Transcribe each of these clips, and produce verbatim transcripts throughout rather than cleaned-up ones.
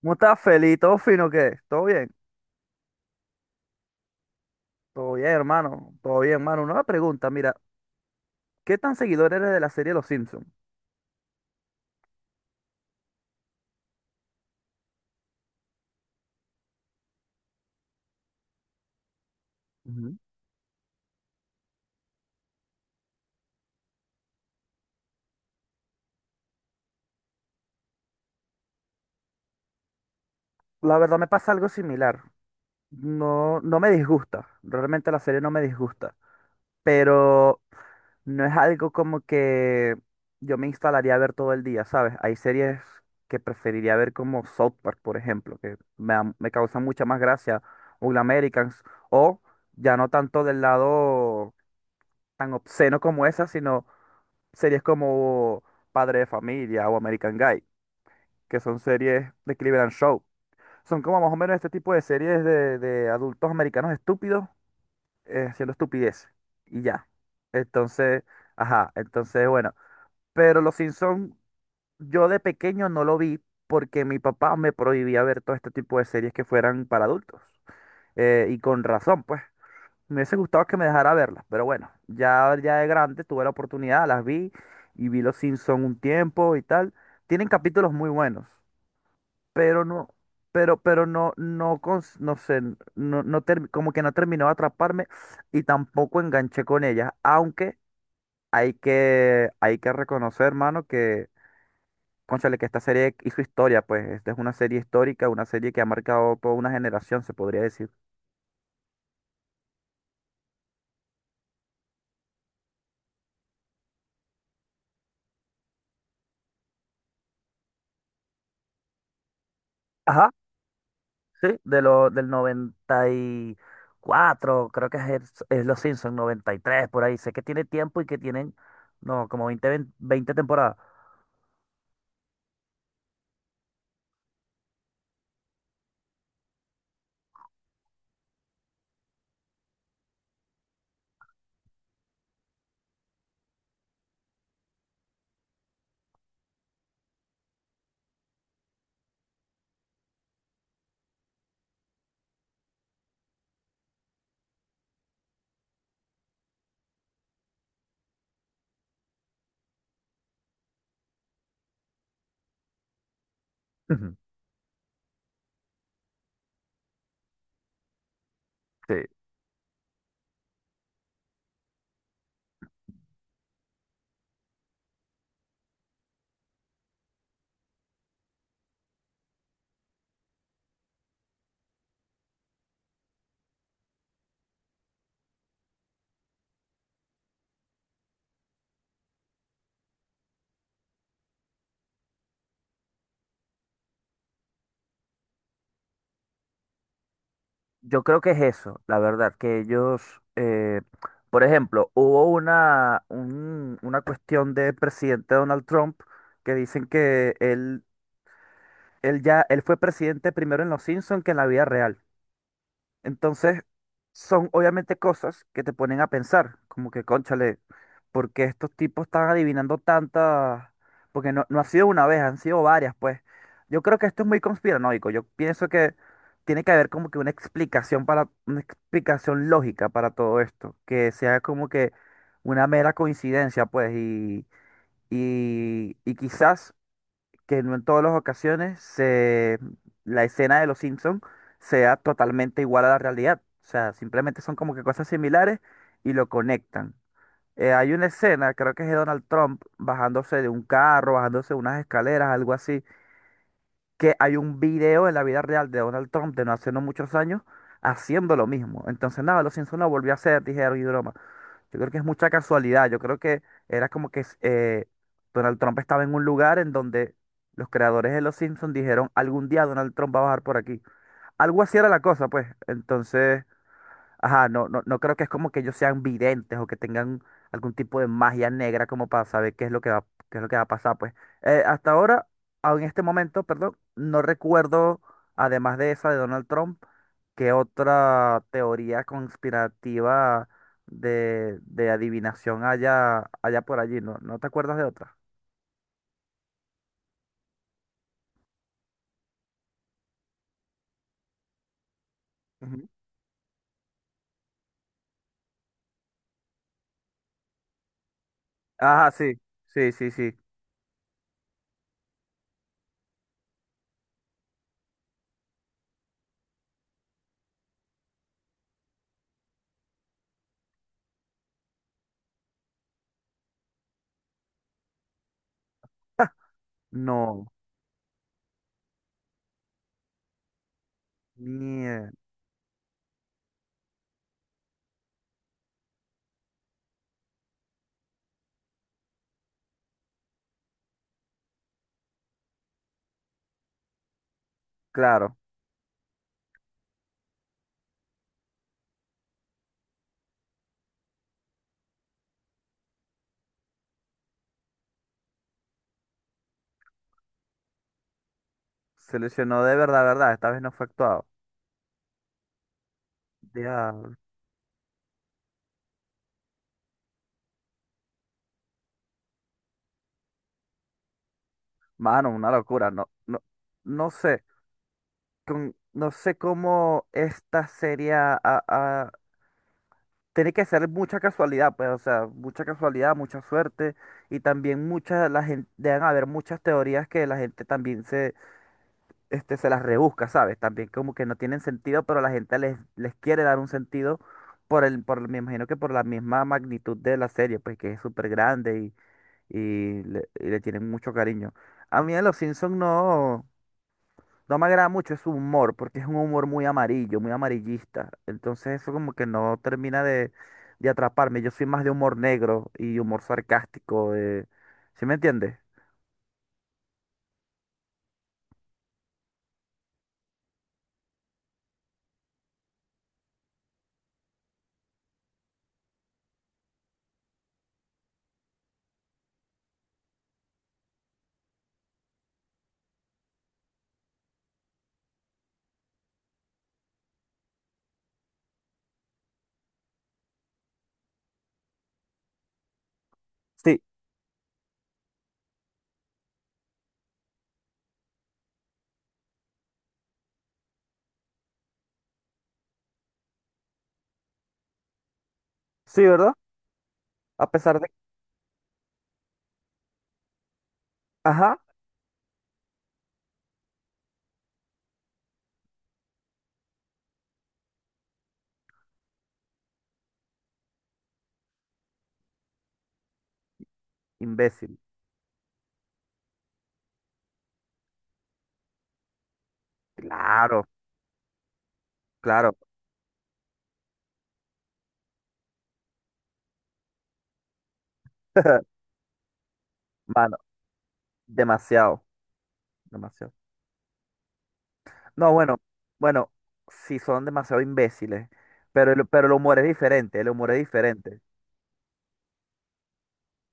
¿Cómo estás, Feli? ¿Todo fino qué? ¿Todo bien? Todo bien, hermano. Todo bien, hermano. Una pregunta, mira, ¿qué tan seguidor eres de la serie Los Simpsons? Ujú. La verdad me pasa algo similar. No, no me disgusta. Realmente la serie no me disgusta. Pero no es algo como que yo me instalaría a ver todo el día, ¿sabes? Hay series que preferiría ver como South Park, por ejemplo, que me, dan- me causan mucha más gracia. O The Americans. O ya no tanto del lado tan obsceno como esa, sino series como Padre de Familia o American Guy, que son series de Cleveland Show. Son como más o menos este tipo de series de, de adultos americanos estúpidos, eh, haciendo estupidez. Y ya. Entonces, ajá, entonces bueno. Pero Los Simpsons, yo de pequeño no lo vi porque mi papá me prohibía ver todo este tipo de series que fueran para adultos. Eh, y con razón, pues. Me hubiese gustado que me dejara verlas, pero bueno, ya, ya de grande tuve la oportunidad, las vi y vi Los Simpson un tiempo y tal. Tienen capítulos muy buenos, pero no, pero, pero no, no, cons- no sé, no, no ter- como que no terminó de atraparme y tampoco enganché con ellas, aunque hay que, hay que reconocer, hermano, que, cónchale, que esta serie hizo historia, pues, esta es una serie histórica, una serie que ha marcado toda una generación, se podría decir. Ajá. Sí, de lo, del noventa y cuatro, creo que es, el- es Los Simpsons, noventa y tres por ahí. Sé que tiene tiempo y que tienen, no, como veinte veinte 20 temporadas. Ujú. Sí. Yo creo que es eso, la verdad, que ellos, eh, por ejemplo, hubo una, un- una cuestión del presidente Donald Trump que dicen que él, él ya, él fue presidente primero en Los Simpsons que en la vida real. Entonces, son obviamente cosas que te ponen a pensar, como que, cónchale, ¿por qué estos tipos están adivinando tantas? Porque no, no ha sido una vez, han sido varias, pues. Yo creo que esto es muy conspiranoico. Yo pienso que tiene que haber como que una explicación para, una explicación lógica para todo esto, que sea como que una mera coincidencia, pues, y, y, y quizás que no en todas las ocasiones se, la escena de Los Simpson sea totalmente igual a la realidad. O sea, simplemente son como que cosas similares y lo conectan. Eh, hay una escena, creo que es de Donald Trump bajándose de un carro, bajándose de unas escaleras, algo así, que hay un video en la vida real de Donald Trump de no hace no muchos años haciendo lo mismo. Entonces, nada, Los Simpson lo volvió a hacer, dijeron y broma. Yo creo que es mucha casualidad. Yo creo que era como que eh, Donald Trump estaba en un lugar en donde los creadores de Los Simpsons dijeron, algún día Donald Trump va a bajar por aquí. Algo así era la cosa, pues. Entonces, ajá, no, no, no creo que es como que ellos sean videntes o que tengan algún tipo de magia negra como para saber qué es lo que va, qué es lo que va a pasar, pues. Eh, hasta ahora, ah, en este momento, perdón, no recuerdo, además de esa de Donald Trump, qué otra teoría conspirativa de, de adivinación haya, haya por allí, ¿no? ¿No te acuerdas de otra? Ujú. Ajá, sí, sí, sí, sí. No, mie- claro, se lesionó de verdad, verdad, esta vez no fue actuado. Mano, una locura. No, no, no sé. Con- no sé cómo esta serie a- a- tiene que ser mucha casualidad, pues, o sea, mucha casualidad, mucha suerte. Y también mucha, la gente, deben haber muchas teorías que la gente también se, este, se las rebusca, ¿sabes? También como que no tienen sentido, pero la gente les, les quiere dar un sentido por el, por, me imagino que por la misma magnitud de la serie, pues que es súper grande y, y le, y le tienen mucho cariño. A mí en Los Simpsons no. No me agrada mucho su humor, porque es un humor muy amarillo, muy amarillista. Entonces eso como que no termina de, de atraparme. Yo soy más de humor negro y humor sarcástico. De... ¿Sí me entiendes? Sí, sí, ¿verdad? A pesar de... Ajá. Imbécil. Claro, claro. Mano, demasiado, demasiado. No, bueno, bueno, sí son demasiado imbéciles, pero el, pero el humor es diferente, el humor es diferente.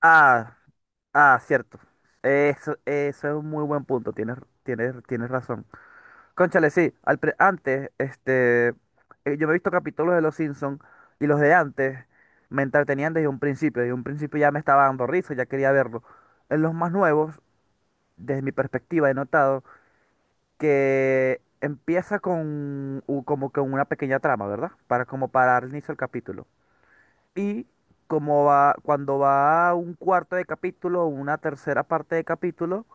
Ah, ah, cierto. Eso, eso es un muy buen punto. Tienes, tienes, tienes razón. Cónchale, sí. Al pre- antes, este, eh, yo me he visto capítulos de Los Simpsons y los de antes me entretenían desde un principio. Desde un principio ya me estaba dando risa, ya quería verlo. En los más nuevos, desde mi perspectiva, he notado que empieza con u- como que una pequeña trama, ¿verdad? Para como para dar inicio al capítulo. Y como va, cuando va a un cuarto de capítulo o una tercera parte de capítulo,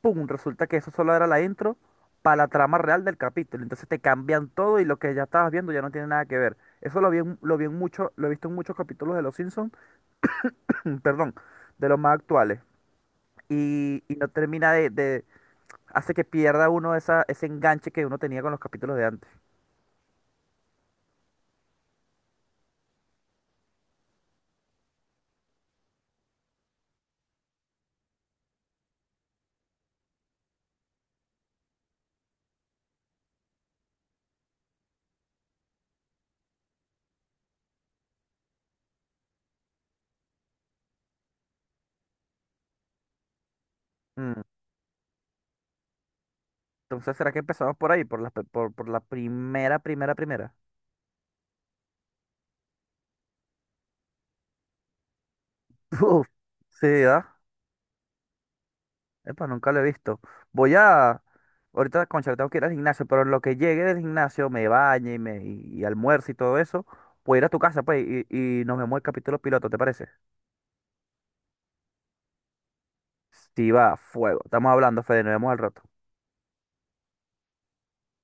¡pum! Resulta que eso solo era la intro para la trama real del capítulo. Entonces te cambian todo y lo que ya estabas viendo ya no tiene nada que ver. Eso lo vi en- lo vi en mucho, lo he visto en muchos capítulos de Los Simpsons, perdón, de los más actuales. Y, y no termina de, de- hace que pierda uno esa, ese enganche que uno tenía con los capítulos de antes. Mm, entonces, ¿será que empezamos por ahí? Por la, pe- por, por la primera, primera, primera. Uf, sí, ¿verdad? Epa, nunca lo he visto. Voy a... Ahorita, concha, tengo que ir al gimnasio, pero en lo que llegue del gimnasio, me bañe y, me, y, y almuerzo y todo eso, puedo ir a tu casa, pues, y, y nos vemos el capítulo piloto, ¿te parece? Si va, fuego. Estamos hablando, Fede, nos vemos al rato.